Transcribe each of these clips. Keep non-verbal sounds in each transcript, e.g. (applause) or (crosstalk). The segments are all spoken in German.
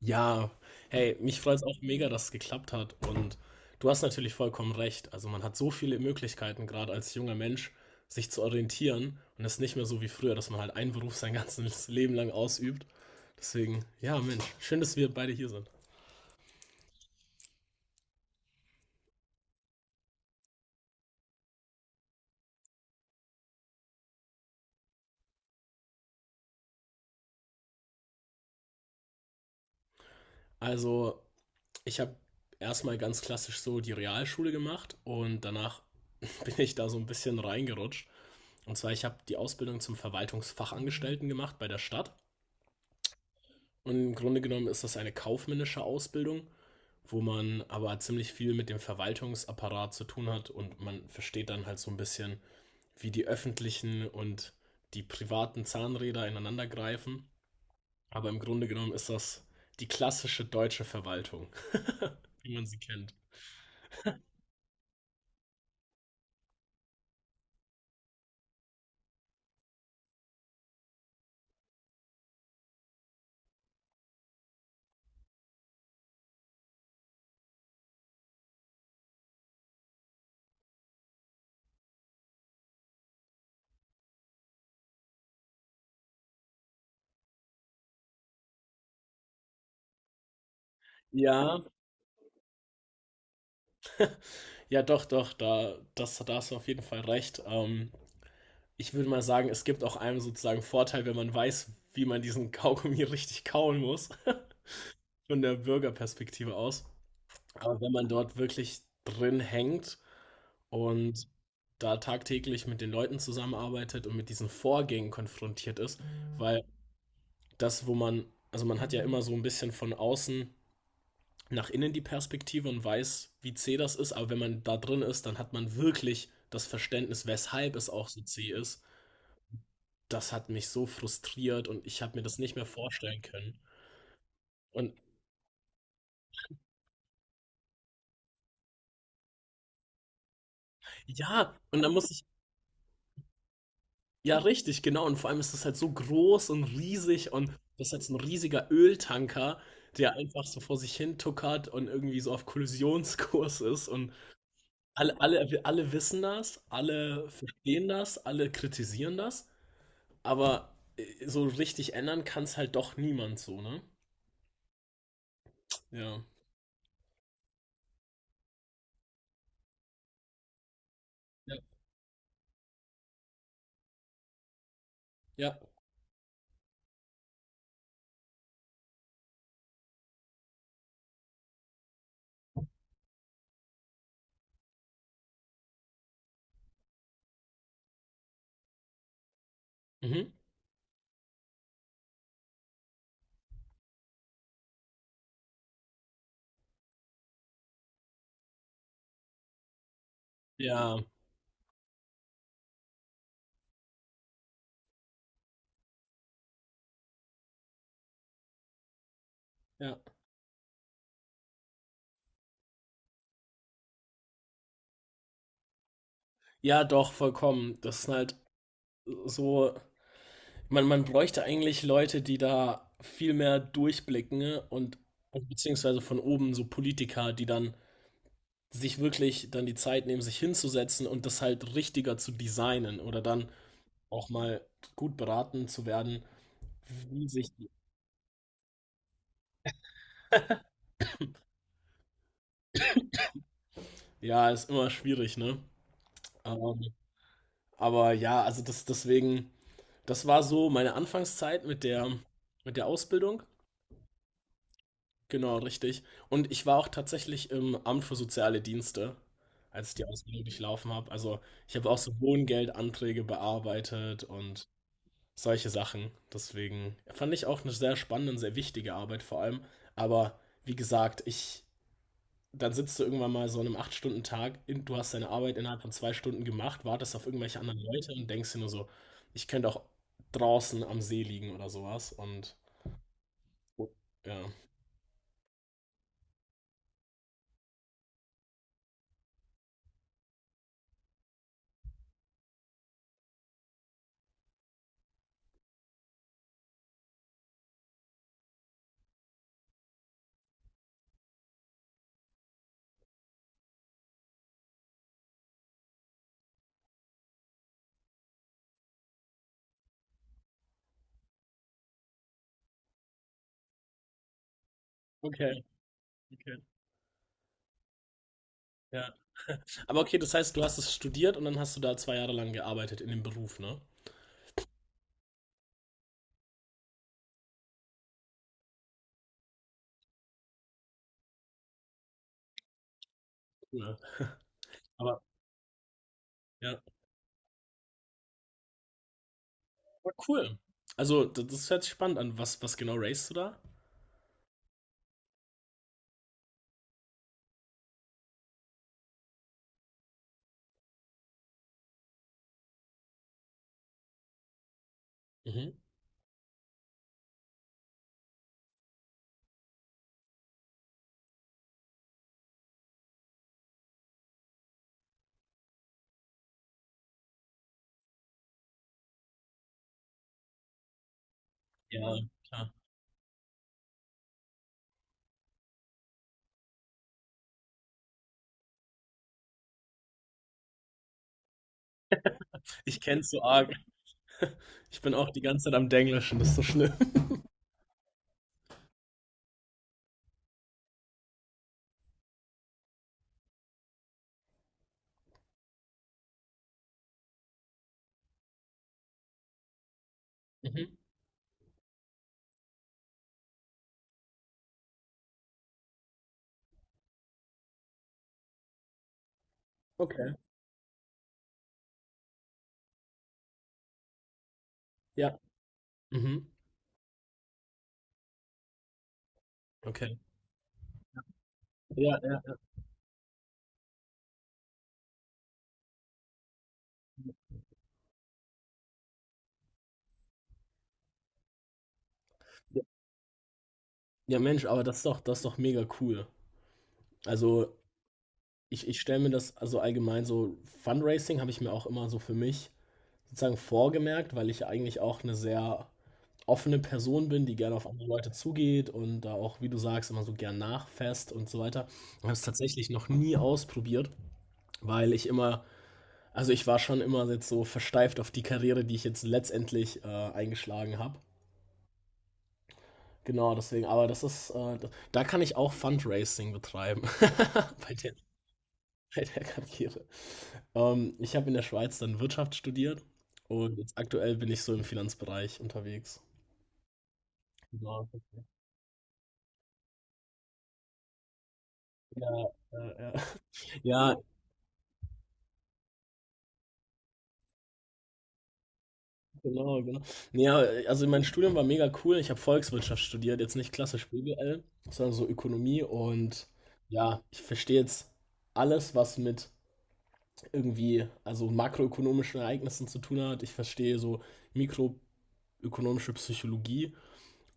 Ja, hey, mich freut es auch mega, dass es geklappt hat. Und du hast natürlich vollkommen recht. Also man hat so viele Möglichkeiten, gerade als junger Mensch, sich zu orientieren. Und es ist nicht mehr so wie früher, dass man halt einen Beruf sein ganzes (laughs) Leben lang ausübt. Deswegen, ja, Mensch, schön, dass wir beide hier sind. Also, ich habe erstmal ganz klassisch so die Realschule gemacht und danach (laughs) bin ich da so ein bisschen reingerutscht. Und zwar, ich habe die Ausbildung zum Verwaltungsfachangestellten gemacht bei der Stadt. Und im Grunde genommen ist das eine kaufmännische Ausbildung, wo man aber ziemlich viel mit dem Verwaltungsapparat zu tun hat, und man versteht dann halt so ein bisschen, wie die öffentlichen und die privaten Zahnräder ineinander greifen. Aber im Grunde genommen ist das die klassische deutsche Verwaltung, (laughs) wie man sie kennt. Ja, ja, doch, doch, da hast du auf jeden Fall recht. Ich würde mal sagen, es gibt auch einem sozusagen Vorteil, wenn man weiß, wie man diesen (laughs) Kaugummi richtig kauen muss, (laughs) von der Bürgerperspektive aus. Aber wenn man dort wirklich drin hängt und da tagtäglich mit den Leuten zusammenarbeitet und mit diesen Vorgängen konfrontiert ist, weil das, wo man, also man hat ja immer so ein bisschen von außen nach innen die Perspektive und weiß, wie zäh das ist, aber wenn man da drin ist, dann hat man wirklich das Verständnis, weshalb es auch so zäh ist. Das hat mich so frustriert und ich habe mir das nicht mehr vorstellen können. Und ja, und dann muss ich. Ja, richtig, genau. Und vor allem ist das halt so groß und riesig, und das ist jetzt ein riesiger Öltanker, der einfach so vor sich hin tuckert und irgendwie so auf Kollisionskurs ist. Und alle, alle, alle wissen das, alle verstehen das, alle kritisieren das, aber so richtig ändern kann es halt doch niemand so, ne? Ja. Ja. Ja. Mhm. Ja. Ja. Ja, doch, vollkommen. Das ist halt so. Man bräuchte eigentlich Leute, die da viel mehr durchblicken, ne? Und beziehungsweise von oben so Politiker, die dann sich wirklich dann die Zeit nehmen, sich hinzusetzen und das halt richtiger zu designen oder dann auch mal gut beraten zu werden, wie sich. Ja, ist immer schwierig, ne? Ähm, aber ja, also das deswegen, das war so meine Anfangszeit mit der Ausbildung. Genau, richtig. Und ich war auch tatsächlich im Amt für soziale Dienste, als ich die Ausbildung durchlaufen habe. Also ich habe auch so Wohngeldanträge bearbeitet und solche Sachen. Deswegen fand ich auch eine sehr spannende und sehr wichtige Arbeit vor allem. Aber wie gesagt, dann sitzt du irgendwann mal so an einem 8-Stunden-Tag, du hast deine Arbeit innerhalb von 2 Stunden gemacht, wartest auf irgendwelche anderen Leute und denkst dir nur so, ich könnte auch draußen am See liegen oder sowas. Und ja. Okay. Ja. (laughs) Aber okay, das heißt, du hast es studiert und dann hast du da 2 Jahre lang gearbeitet in dem Beruf, ne? Cool. (laughs) Aber ja, aber cool. Also, das hört sich spannend an. Was genau racest du da? Mhm. Ja, klar. Ich kenn's so arg. Ich bin auch die ganze Zeit am Denglischen, das ist so schlimm. (laughs) Mhm. Okay. Ja. Mhm. Okay. Ja, ja, ja. Ja, Mensch, aber das ist doch mega cool. Also, ich stelle mir das also allgemein so, Fundraising habe ich mir auch immer so für mich sozusagen vorgemerkt, weil ich ja eigentlich auch eine sehr offene Person bin, die gerne auf andere Leute zugeht und da auch, wie du sagst, immer so gern nachfasst und so weiter. Ich habe es tatsächlich noch nie ausprobiert, weil ich immer, also ich war schon immer jetzt so versteift auf die Karriere, die ich jetzt letztendlich eingeschlagen habe. Genau, deswegen, aber das ist, da kann ich auch Fundraising betreiben (laughs) bei (laughs) bei der Karriere. Ich habe in der Schweiz dann Wirtschaft studiert und jetzt aktuell bin ich so im Finanzbereich unterwegs. Genau. Ja, ja, ja. Ja, genau, genau. Nee, ja, also mein Studium war mega cool. Ich habe Volkswirtschaft studiert, jetzt nicht klassisch BWL, sondern so Ökonomie. Und ja, ich verstehe jetzt alles, was mit irgendwie, also makroökonomischen Ereignissen zu tun hat. Ich verstehe so mikroökonomische Psychologie,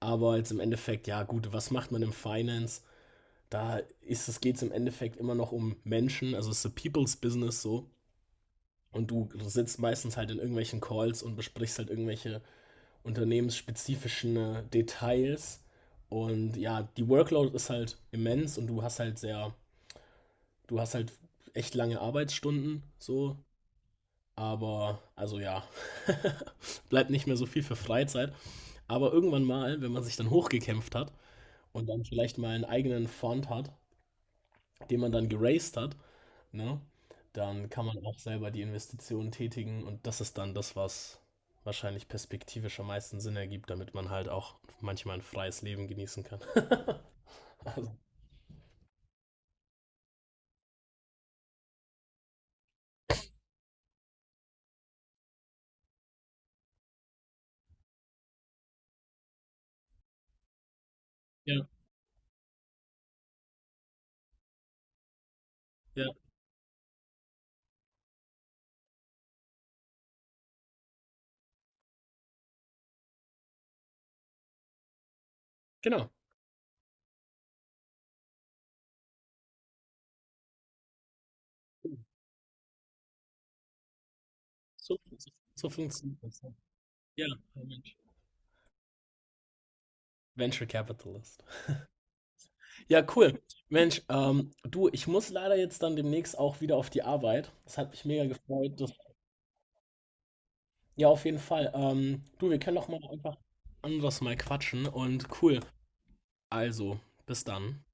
aber jetzt im Endeffekt, ja gut, was macht man im Finance? Da ist es geht's im Endeffekt immer noch um Menschen, also es ist a people's business so. Und du sitzt meistens halt in irgendwelchen Calls und besprichst halt irgendwelche unternehmensspezifischen Details. Und ja, die Workload ist halt immens, und du hast halt echt lange Arbeitsstunden so. Aber, also ja, (laughs) bleibt nicht mehr so viel für Freizeit. Aber irgendwann mal, wenn man sich dann hochgekämpft hat und dann vielleicht mal einen eigenen Fund hat, den man dann geraced hat, ne? Dann kann man auch selber die Investitionen tätigen, und das ist dann das, was wahrscheinlich perspektivisch am meisten Sinn ergibt, damit man halt auch manchmal ein freies Leben genießen kann. (laughs) Also, ja, ja, genau. So funktioniert das. Ja, ja, Mensch. Venture Capitalist. Ja, cool. Mensch, du, ich muss leider jetzt dann demnächst auch wieder auf die Arbeit. Das hat mich mega gefreut. Das, ja, auf jeden Fall. Du, wir können doch mal einfach anders mal quatschen und cool. Also, bis dann.